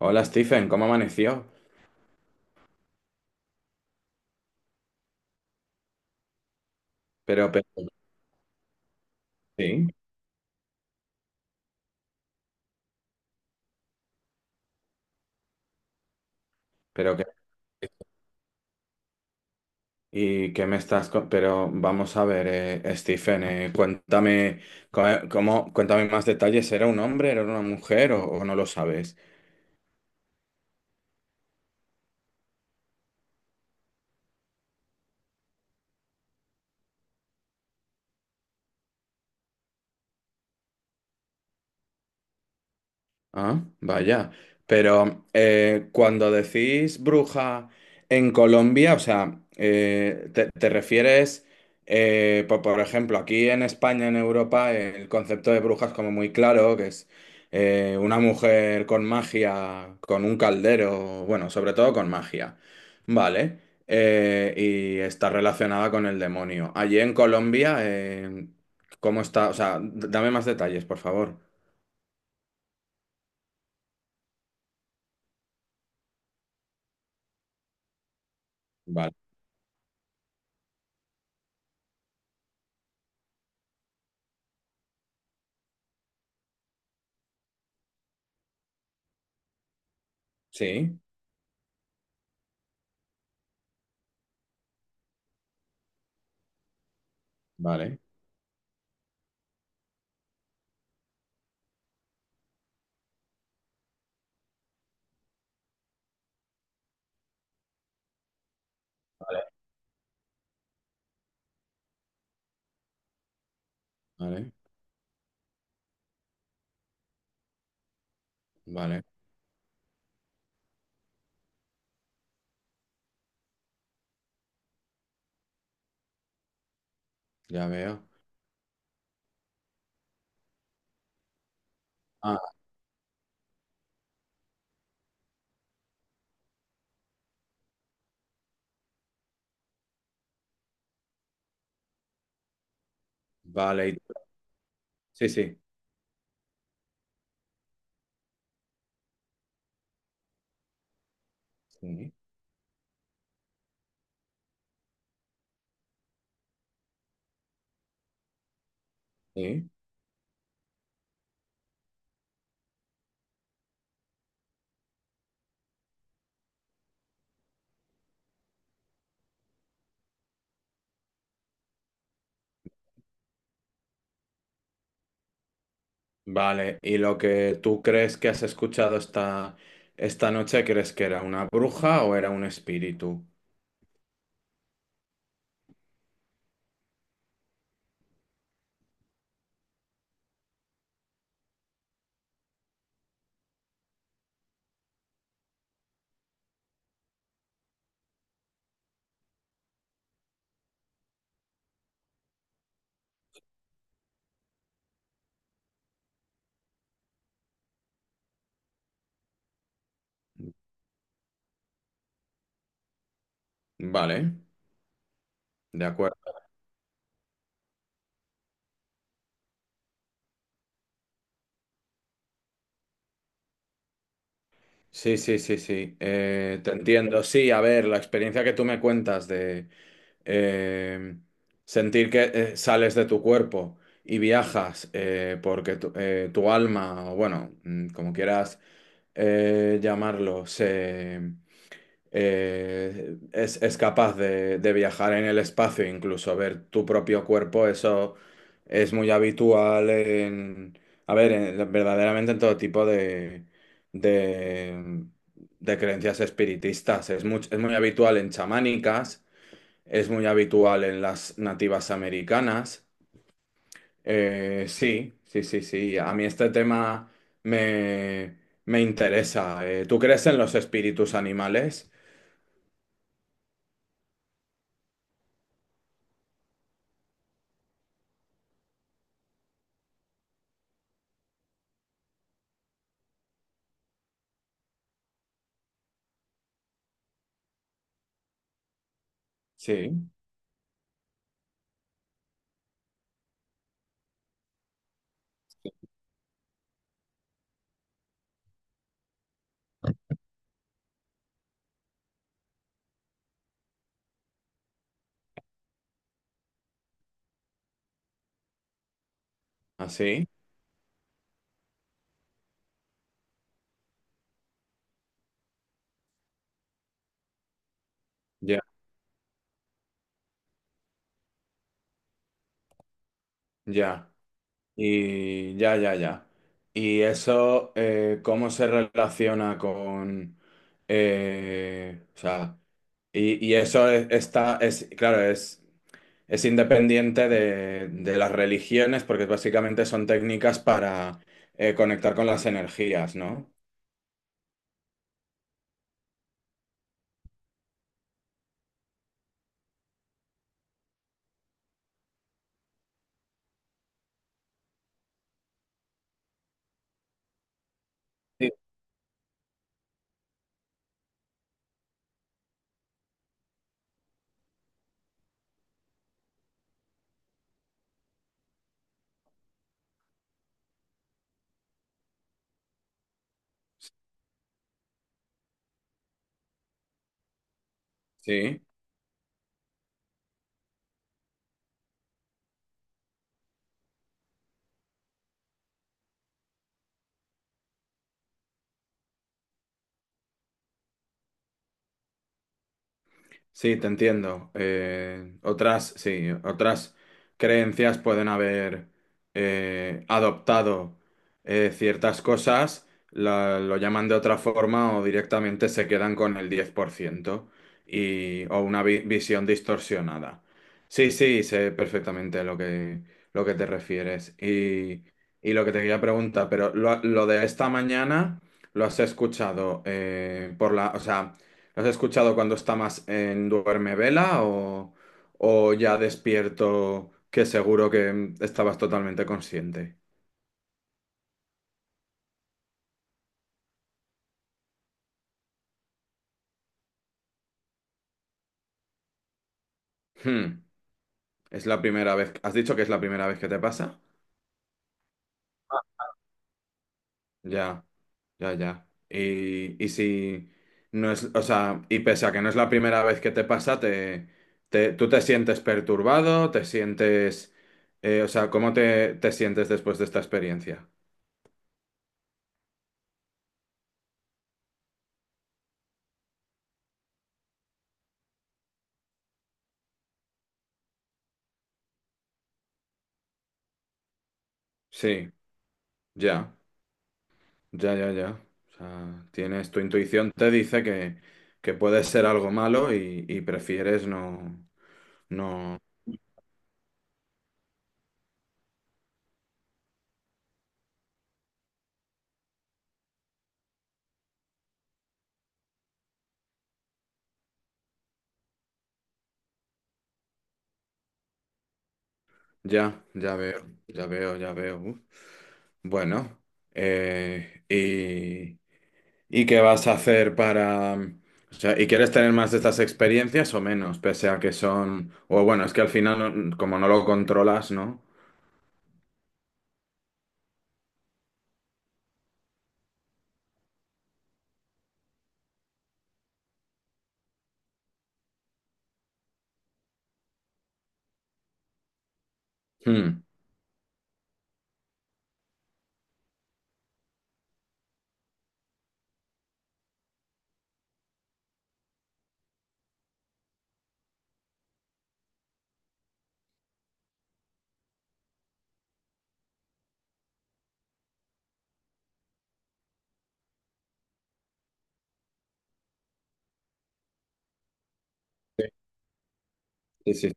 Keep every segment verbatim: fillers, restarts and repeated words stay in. Hola Stephen, ¿cómo amaneció? Pero, pero, sí, pero que, y qué me estás, co- pero vamos a ver, eh, Stephen, eh, cuéntame, co- eh, cómo, cuéntame más detalles, ¿era un hombre, era una mujer o, o no lo sabes? Ah, vaya. Pero eh, cuando decís bruja en Colombia, o sea, eh, te, te refieres, eh, po- por ejemplo, aquí en España, en Europa, eh, el concepto de bruja es como muy claro, que es eh, una mujer con magia, con un caldero, bueno, sobre todo con magia, ¿vale? Eh, y está relacionada con el demonio. Allí en Colombia, eh, ¿cómo está? O sea, d- dame más detalles, por favor. Vale. Sí. Vale, vale, vale, ya veo. Ah, vale, y sí, sí, sí, sí. Vale, ¿y lo que tú crees que has escuchado esta, esta noche, crees que era una bruja o era un espíritu? Vale, de acuerdo. Sí, sí, sí, sí, eh, te entiendo. Sí, a ver, la experiencia que tú me cuentas de, eh, sentir que eh, sales de tu cuerpo y viajas, eh, porque tu, eh, tu alma, o bueno, mm, como quieras eh, llamarlo, se, eh, es, es capaz de, de viajar en el espacio, incluso ver tu propio cuerpo, eso es muy habitual en, a ver, en- verdaderamente en todo tipo de de de creencias espiritistas. Es muy, es muy habitual en chamánicas, es muy habitual en las nativas americanas. Eh, sí, sí, sí, sí. A mí este tema me, me interesa. Eh, ¿tú crees en los espíritus animales? Sí, así. Ya, ya. Y ya, ya, ya. ¿Y eso, eh, cómo se relaciona con eh, o sea, y, y eso es- está, es, claro, es... Es independiente de, de las religiones porque básicamente son técnicas para eh, conectar con las energías, ¿no? Sí. Sí. Sí, te entiendo. Eh, otras, sí, otras creencias pueden haber eh, adoptado eh, ciertas cosas, la- lo llaman de otra forma o directamente se quedan con el diez por ciento y, o una vi- visión distorsionada. Sí, sí, sé perfectamente lo que, lo que te refieres y, y lo que te quería preguntar, pero lo, lo de esta mañana lo has escuchado, eh, por la, o sea... ¿Lo ¿Has escuchado cuando está más en duerme vela o, o ya despierto que seguro que mm, estabas totalmente consciente? Hmm. Es la primera vez. ¿Has dicho que es la primera vez que te pasa? Ya, ya, ya. Y, y si no es, o sea, y pese a que no es la primera vez que te pasa, te, te- tú te sientes perturbado, te sientes, eh, o sea, ¿cómo te, te sientes después de esta experiencia? Sí, ya. Ya, ya, ya. O sea, tienes, tu intuición te dice que, que puede ser algo malo y, y prefieres no, no. Ya, ya veo, ya veo, ya veo. Uf. Bueno, eh, y, ¿y qué vas a hacer para... O sea, y quieres tener más de estas experiencias o menos? Pese a que son... O bueno, es que al final, no- como no lo controlas, ¿no? Hmm. Sí, sí,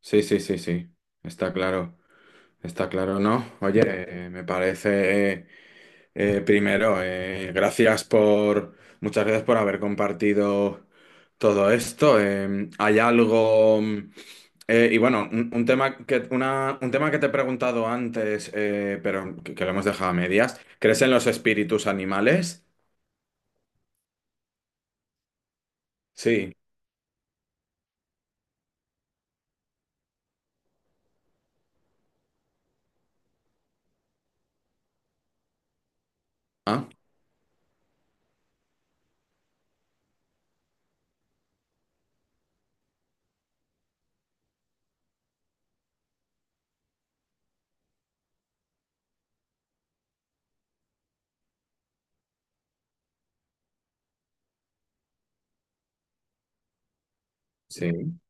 sí, sí, sí, sí, sí. Está claro, está claro, ¿no? Oye, eh, me parece... eh, Eh, primero, eh, gracias por, muchas gracias por haber compartido todo esto. Eh, hay algo, mm, eh, y bueno, un, un tema que, una, un tema que te he preguntado antes, eh, pero que, que lo hemos dejado a medias. ¿Crees en los espíritus animales? Sí. Ah, sí,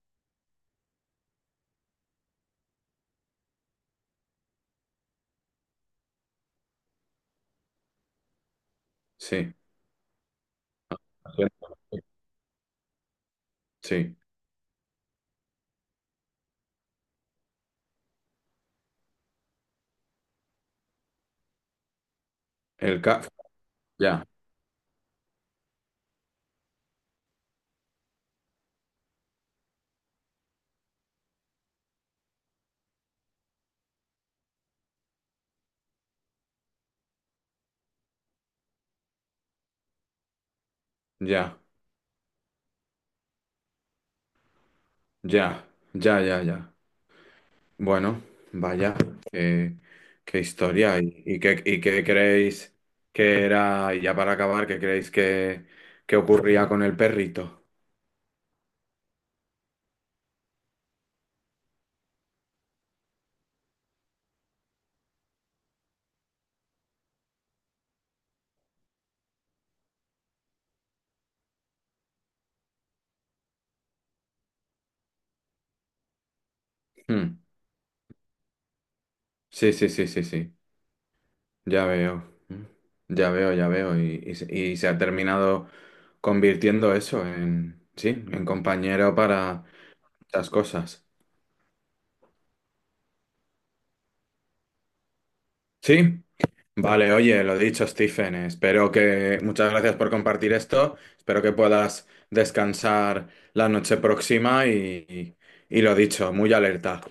sí. Lo siento. Sí. El ca... Ya, ya, ya, ya, ya, ya. Bueno, vaya, qué, qué historia. ¿Y, ¿y qué, y qué creéis que era, y ya para acabar, qué creéis que, que ocurría con el perrito? Mm. Sí, sí, sí, sí, sí, ya veo. Mm. Ya veo, ya veo. Y, y se y se ha terminado convirtiendo eso en, sí, en compañero para muchas cosas. Sí. Vale, oye, lo dicho, Stephen, espero que... Muchas gracias por compartir esto. Espero que puedas descansar la noche próxima y, y lo dicho, muy alerta.